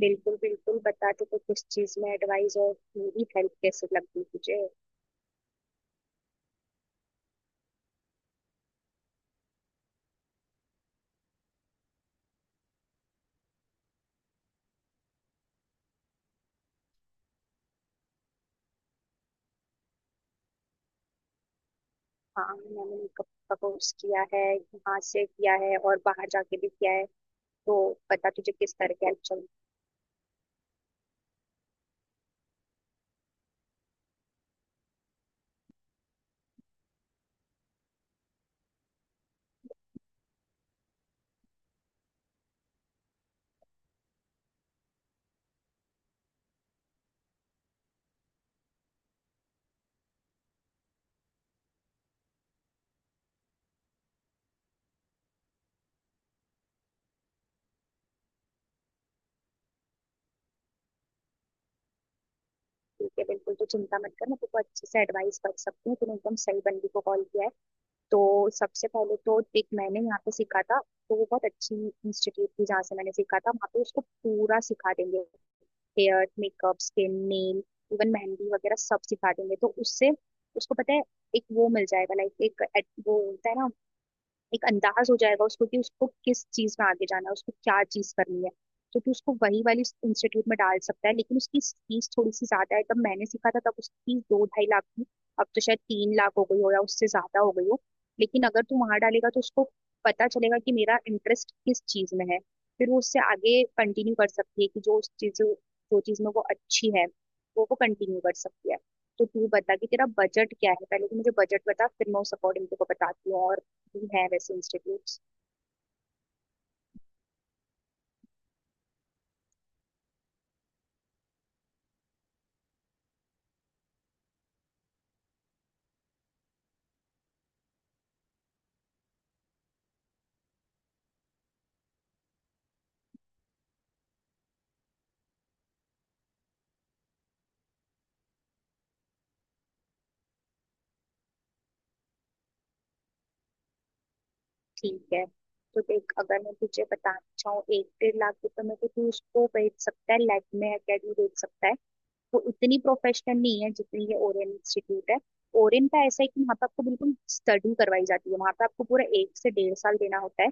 बिल्कुल बिल्कुल, बता दो, तो किस चीज में एडवाइस और मेरी हेल्प कैसे लगी तुझे। हाँ, मैंने मेकअप का कोर्स किया है, यहाँ से किया है और बाहर जाके भी किया है। तो पता तुझे किस तरह की हेल्प चाहिए। ठीक है, बिल्कुल, तो चिंता मत कर, मैं तुझको अच्छे से एडवाइस कर सकती हूँ। तूने एकदम सही बंदी को कॉल किया है। तो सबसे पहले तो एक मैंने यहाँ पे सीखा था, तो वो बहुत अच्छी इंस्टीट्यूट थी जहाँ से मैंने सीखा था। वहाँ पे उसको पूरा सिखा देंगे, hair makeup skin nail, even मेहंदी वगैरह सब सिखा देंगे। तो उससे उसको पता है, एक वो मिल जाएगा, लाइक एक वो होता है ना, एक अंदाज हो जाएगा उसको, कि उसको किस चीज में आगे जाना है, उसको क्या चीज करनी है। तो तू उसको वही वाली इंस्टीट्यूट में डाल सकता है, लेकिन उसकी फीस थोड़ी सी ज्यादा है। जब मैंने सीखा था तब उसकी फीस 2-2.5 लाख थी, अब तो शायद 3 लाख हो गई हो या उससे ज्यादा हो गई हो। लेकिन अगर तू वहां डालेगा तो उसको पता चलेगा कि मेरा इंटरेस्ट किस चीज में है। फिर वो उससे आगे कंटिन्यू कर सकती है कि जो चीज में वो अच्छी है वो कंटिन्यू कर सकती है। तो तू बता कि तेरा बजट क्या है, पहले तो मुझे बजट बता, फिर मैं उस अकॉर्डिंग तेरे को बताती हूँ, और भी है वैसे इंस्टीट्यूट्स। ठीक है, तो देख, अगर मैं तुझे बताना चाहूँ, 1-1.5 लाख रुपए में तो तू उसको बेच सकता है, लैब में अकेडमी बेच सकता है। वो इतनी प्रोफेशनल नहीं है जितनी ये ओरियन इंस्टीट्यूट है। ओरियन का ऐसा है कि वहाँ पे आपको बिल्कुल स्टडी करवाई जाती है। वहाँ पे आपको पूरा 1 से 1.5 साल देना होता है।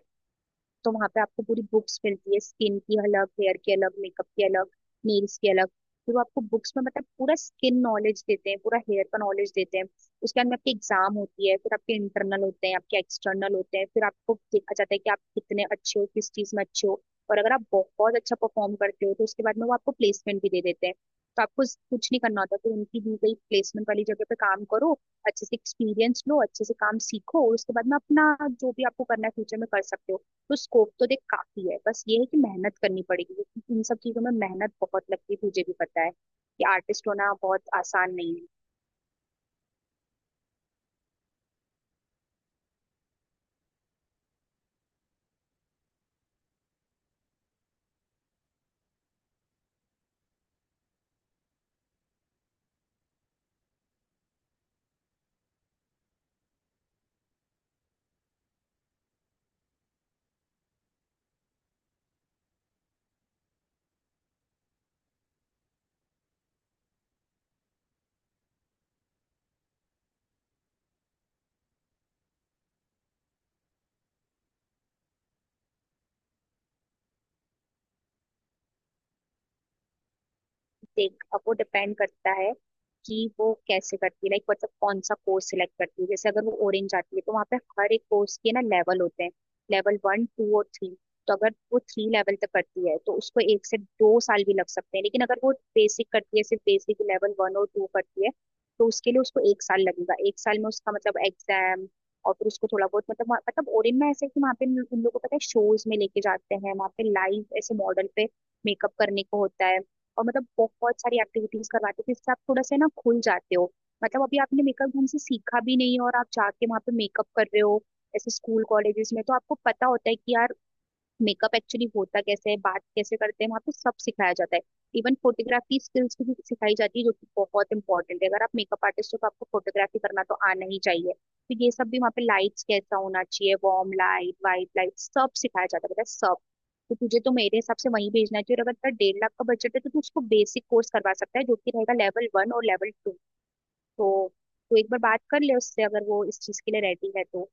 तो वहां पे आपको पूरी बुक्स मिलती है, स्किन की अलग, हेयर की अलग, मेकअप की अलग, नेल्स की अलग। फिर वो आपको बुक्स में मतलब पूरा स्किन नॉलेज देते हैं, पूरा हेयर का नॉलेज देते हैं। उसके बाद में आपकी एग्जाम होती है, फिर आपके इंटरनल होते हैं, आपके एक्सटर्नल होते हैं, फिर आपको देखा जाता है कि आप कितने अच्छे हो, किस चीज में अच्छे हो। और अगर आप बहुत अच्छा परफॉर्म करते हो तो उसके बाद में वो आपको प्लेसमेंट भी दे देते हैं। तो आपको कुछ नहीं करना होता, फिर उनकी दी गई प्लेसमेंट वाली जगह पे काम करो, अच्छे से एक्सपीरियंस लो, अच्छे से काम सीखो, और उसके बाद में अपना जो भी आपको करना है फ्यूचर में कर सकते हो। तो स्कोप तो देख काफी है, बस ये है कि मेहनत करनी पड़ेगी। इन सब चीजों में मेहनत बहुत लगती है, तुझे भी पता है कि आर्टिस्ट होना बहुत आसान नहीं है। देख, अब वो डिपेंड करता है कि वो कैसे करती है, लाइक मतलब कौन सा कोर्स सिलेक्ट करती है। जैसे अगर वो ऑरेंज आती है तो वहाँ पे हर एक कोर्स के ना लेवल होते हैं, लेवल वन टू और थ्री। तो अगर वो थ्री लेवल तक करती है तो उसको 1 से 2 साल भी लग सकते हैं, लेकिन अगर वो बेसिक करती है, सिर्फ बेसिक लेवल वन और टू करती है, तो उसके लिए उसको 1 साल लगेगा। 1 साल में उसका मतलब एग्जाम, और फिर उसको थोड़ा बहुत मतलब मतलब ओरिन में ऐसा है कि वहाँ पे उन उन लोगों को पता है शोज में लेके जाते हैं, वहाँ पे लाइव ऐसे मॉडल पे मेकअप करने को होता है। और मतलब बहुत सारी एक्टिविटीज करवाते थे, जिससे आप थोड़ा सा ना खुल जाते हो। मतलब अभी आपने मेकअप हमसे सीखा भी नहीं है और आप जाके वहाँ पे मेकअप कर रहे हो ऐसे स्कूल कॉलेजेस में, तो आपको पता होता है कि यार, मेकअप एक्चुअली होता कैसे है, बात कैसे करते हैं, वहाँ पे सब सिखाया जाता है। इवन फोटोग्राफी स्किल्स भी सिखाई जाती है, जो कि बहुत इंपॉर्टेंट है, अगर आप मेकअप आर्टिस्ट हो तो आपको फोटोग्राफी करना तो आना ही चाहिए। तो ये सब भी वहाँ पे, लाइट्स कैसा होना चाहिए, वार्म लाइट वाइट लाइट, सब सिखाया जाता है, पता है, सब। तो तुझे तो मेरे हिसाब से वहीं भेजना चाहिए, और अगर तेरा 1.5 लाख का बजट है तो तू उसको बेसिक कोर्स करवा सकता है, जो कि रहेगा लेवल वन और लेवल टू। तो तू एक बार बात कर ले उससे, अगर वो इस चीज के लिए रेडी है तो।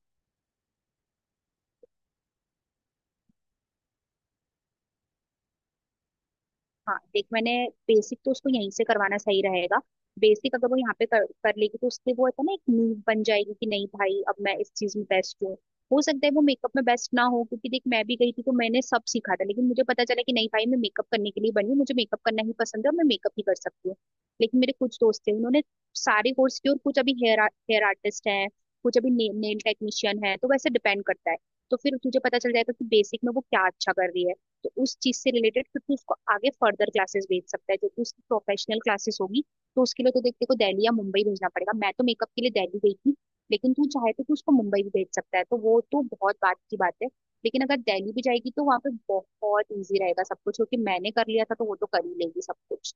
हाँ देख, मैंने बेसिक तो उसको यहीं से करवाना सही रहेगा। बेसिक अगर वो यहाँ पे कर लेगी तो उससे वो है ना एक नींव बन जाएगी कि नहीं भाई, अब मैं इस चीज में बेस्ट हूँ। हो सकता है वो मेकअप में बेस्ट ना हो, क्योंकि देख, मैं भी गई थी तो मैंने सब सीखा था, लेकिन मुझे पता चला कि नहीं भाई, मैं मेकअप करने के लिए बनी हूँ, मुझे मेकअप करना ही पसंद है और मैं मेकअप ही कर सकती हूँ। लेकिन मेरे कुछ दोस्त थे, उन्होंने सारे कोर्स किए, और कुछ अभी हेयर हेयर आर्टिस्ट है, कुछ अभी नेल टेक्नीशियन है, तो वैसे डिपेंड करता है। तो फिर तुझे पता चल जाएगा कि बेसिक में वो क्या अच्छा कर रही है। तो उस चीज से रिलेटेड फिर तू उसको आगे फर्दर क्लासेस भेज सकता है, जो कि उसकी प्रोफेशनल क्लासेस होगी। तो उसके लिए तो देख को दिल्ली या मुंबई भेजना पड़ेगा। मैं तो मेकअप के लिए दिल्ली गई थी, लेकिन तू चाहे तो तू उसको मुंबई भी भेज सकता है, तो वो तो बहुत बात की बात है। लेकिन अगर दिल्ली भी जाएगी तो वहाँ पे बहुत ईजी रहेगा सब कुछ, क्योंकि मैंने कर लिया था तो वो तो कर ही लेगी सब कुछ।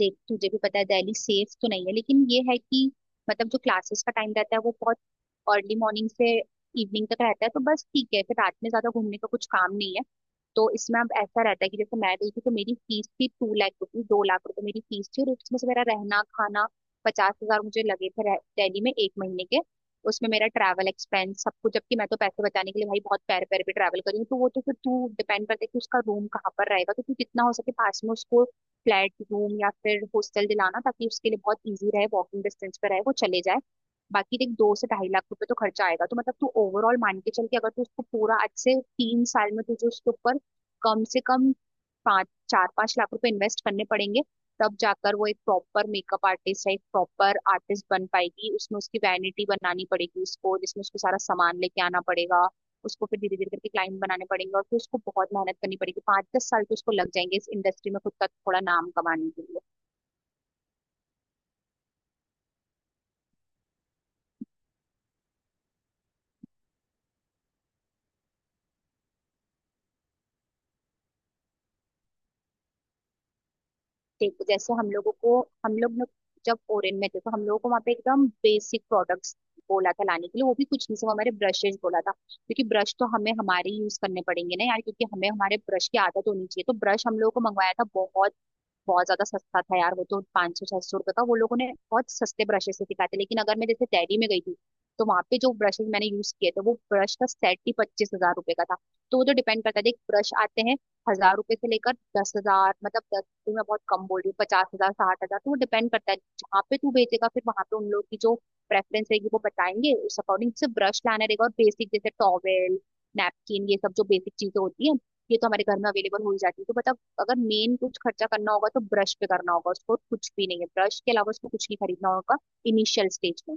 देख, तुझे भी पता है दिल्ली सेफ तो नहीं है, लेकिन ये है कि मतलब जो क्लासेस का टाइम रहता है वो बहुत अर्ली मॉर्निंग से इवनिंग तक रहता है, तो बस ठीक है, फिर रात में ज्यादा घूमने का कुछ काम नहीं है। तो इसमें अब ऐसा रहता है कि जैसे मैं गई थी तो मेरी फीस थी 2 लाख रुपीज, 2 लाख रुपए मेरी फीस थी, और उसमें से मेरा रहना खाना 50 हजार मुझे लगे थे, दिल्ली में 1 महीने के। उसमें मेरा ट्रैवल एक्सपेंस सब कुछ, जबकि मैं तो पैसे बचाने के लिए भाई बहुत पैर पैर पे ट्रैवल करी हूँ, तो वो तो फिर तू डिपेंड करता है कि उसका रूम कहाँ पर रहेगा। तो तू जितना हो सके पास में उसको फ्लैट रूम या फिर हॉस्टल दिलाना, ताकि उसके लिए बहुत इजी रहे, वॉकिंग डिस्टेंस पे रहे, वो चले जाए। बाकी देख, 2 से 2.5 लाख रुपए तो खर्चा आएगा, तो मतलब तू ओवरऑल मान के चल, के अगर तू उसको पूरा आज से 3 साल में तुझे उसके ऊपर कम से कम 5, 4-5 लाख रुपए इन्वेस्ट करने पड़ेंगे। तब जाकर वो एक प्रॉपर मेकअप आर्टिस्ट या एक प्रॉपर आर्टिस्ट बन पाएगी। उसमें उसकी वैनिटी बनानी पड़ेगी उसको, जिसमें उसको सारा सामान लेके आना पड़ेगा। उसको फिर धीरे धीरे करके क्लाइंट बनाने पड़ेंगे, और फिर उसको बहुत मेहनत करनी पड़ेगी, 5-10 साल तो उसको लग जाएंगे इस इंडस्ट्री में खुद का थोड़ा नाम कमाने के लिए। ठीक, जैसे हम लोगों को, हम लोग ने जब ओरेन में थे तो हम लोगों को वहाँ पे एकदम बेसिक प्रोडक्ट्स बोला था लाने के लिए, वो भी कुछ नहीं, सब हमारे ब्रशेज बोला था, क्योंकि ब्रश तो हमें हमारे यूज करने पड़ेंगे ना यार, क्योंकि हमें हमारे ब्रश की आदत होनी चाहिए। तो ब्रश हम लोगों को मंगवाया था, बहुत बहुत ज्यादा सस्ता था यार वो तो, 500-600 रुपए का। वो लोगों ने बहुत सस्ते ब्रशेस से सिखाए थे, लेकिन अगर मैं जैसे दिल्ली में गई थी, तो वहां पे जो ब्रशेस मैंने यूज किए थे, वो ब्रश का सेट ही 25 हजार रुपए का था। तो वो तो डिपेंड करता है। देख, ब्रश आते हैं 1 हजार रुपए से लेकर 10 हजार, मतलब 10 तो मैं बहुत कम बोल रही हूँ, 50 हजार 60 हजार, तो वो डिपेंड करता है जहाँ पे तू बेचेगा। फिर वहां पे उन लोग की जो प्रेफरेंस रहेगी वो बताएंगे, उस अकॉर्डिंग से ब्रश लाना रहेगा, और बेसिक जैसे टॉवेल, नैपकिन, ये सब जो बेसिक चीजें होती है, ये तो हमारे घर में अवेलेबल हो ही जाती है। तो बता, अगर मेन कुछ खर्चा करना होगा तो ब्रश पे करना होगा उसको, और कुछ भी नहीं है, ब्रश के अलावा उसको कुछ नहीं खरीदना होगा इनिशियल स्टेज में।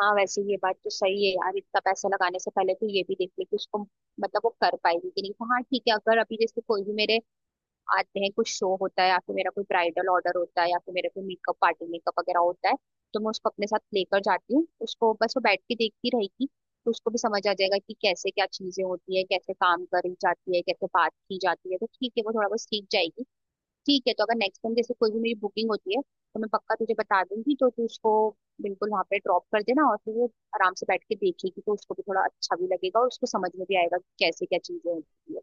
हाँ, वैसे ये बात तो सही है यार, इतना पैसा लगाने से पहले तो ये भी देख ले कि उसको मतलब वो कर पाएगी कि नहीं। तो हाँ ठीक है, अगर अभी जैसे कोई भी मेरे आते हैं, कुछ शो होता है, या फिर मेरा कोई ब्राइडल ऑर्डर होता है, या फिर मेरा कोई मेकअप, पार्टी मेकअप वगैरह होता है, तो मैं उसको अपने साथ लेकर जाती हूँ। उसको बस वो बैठ के देखती रहेगी, तो उसको भी समझ आ जाएगा कि कैसे क्या चीजें होती है, कैसे काम करी जाती है, कैसे बात की जाती है, तो ठीक है, वो थोड़ा बहुत सीख जाएगी। ठीक है, तो अगर नेक्स्ट टाइम जैसे कोई भी मेरी बुकिंग होती है तो मैं पक्का तुझे बता दूंगी, तो तू उसको बिल्कुल वहां पे ड्रॉप कर देना, और फिर वो आराम से बैठ के देखेगी, तो उसको भी थोड़ा अच्छा भी लगेगा और उसको समझ में भी आएगा कि कैसे क्या चीजें होती है।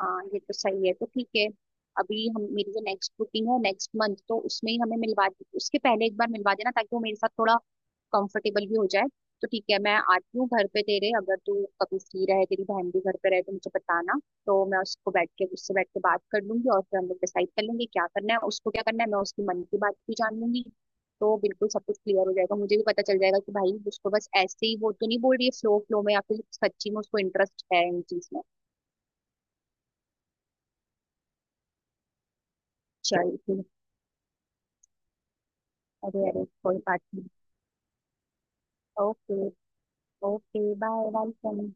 हाँ, ये तो सही है, तो ठीक है, अभी हम, मेरी जो नेक्स्ट बुकिंग है नेक्स्ट मंथ, तो उसमें ही हमें मिलवा दी, उसके पहले एक बार मिलवा देना, ताकि वो मेरे साथ थोड़ा कंफर्टेबल भी हो जाए। तो ठीक है, मैं आती हूँ घर पे तेरे, अगर तू कभी फ्री रहे, तेरी बहन भी घर पे रहे तो मुझे बताना, तो मैं उसको बैठ के, उससे बैठ के बात कर लूंगी, और फिर हम लोग डिसाइड कर लेंगे क्या करना है, उसको क्या करना है। मैं उसकी मन की बात भी जान लूंगी, तो बिल्कुल सब कुछ क्लियर हो जाएगा, मुझे भी पता चल जाएगा कि भाई उसको बस ऐसे ही वो तो नहीं बोल रही है फ्लो फ्लो में, या फिर सच्ची में उसको इंटरेस्ट है इन चीज में। चल ठीक है। अरे अरे, कोई बात नहीं। ओके। Okay, bye bye.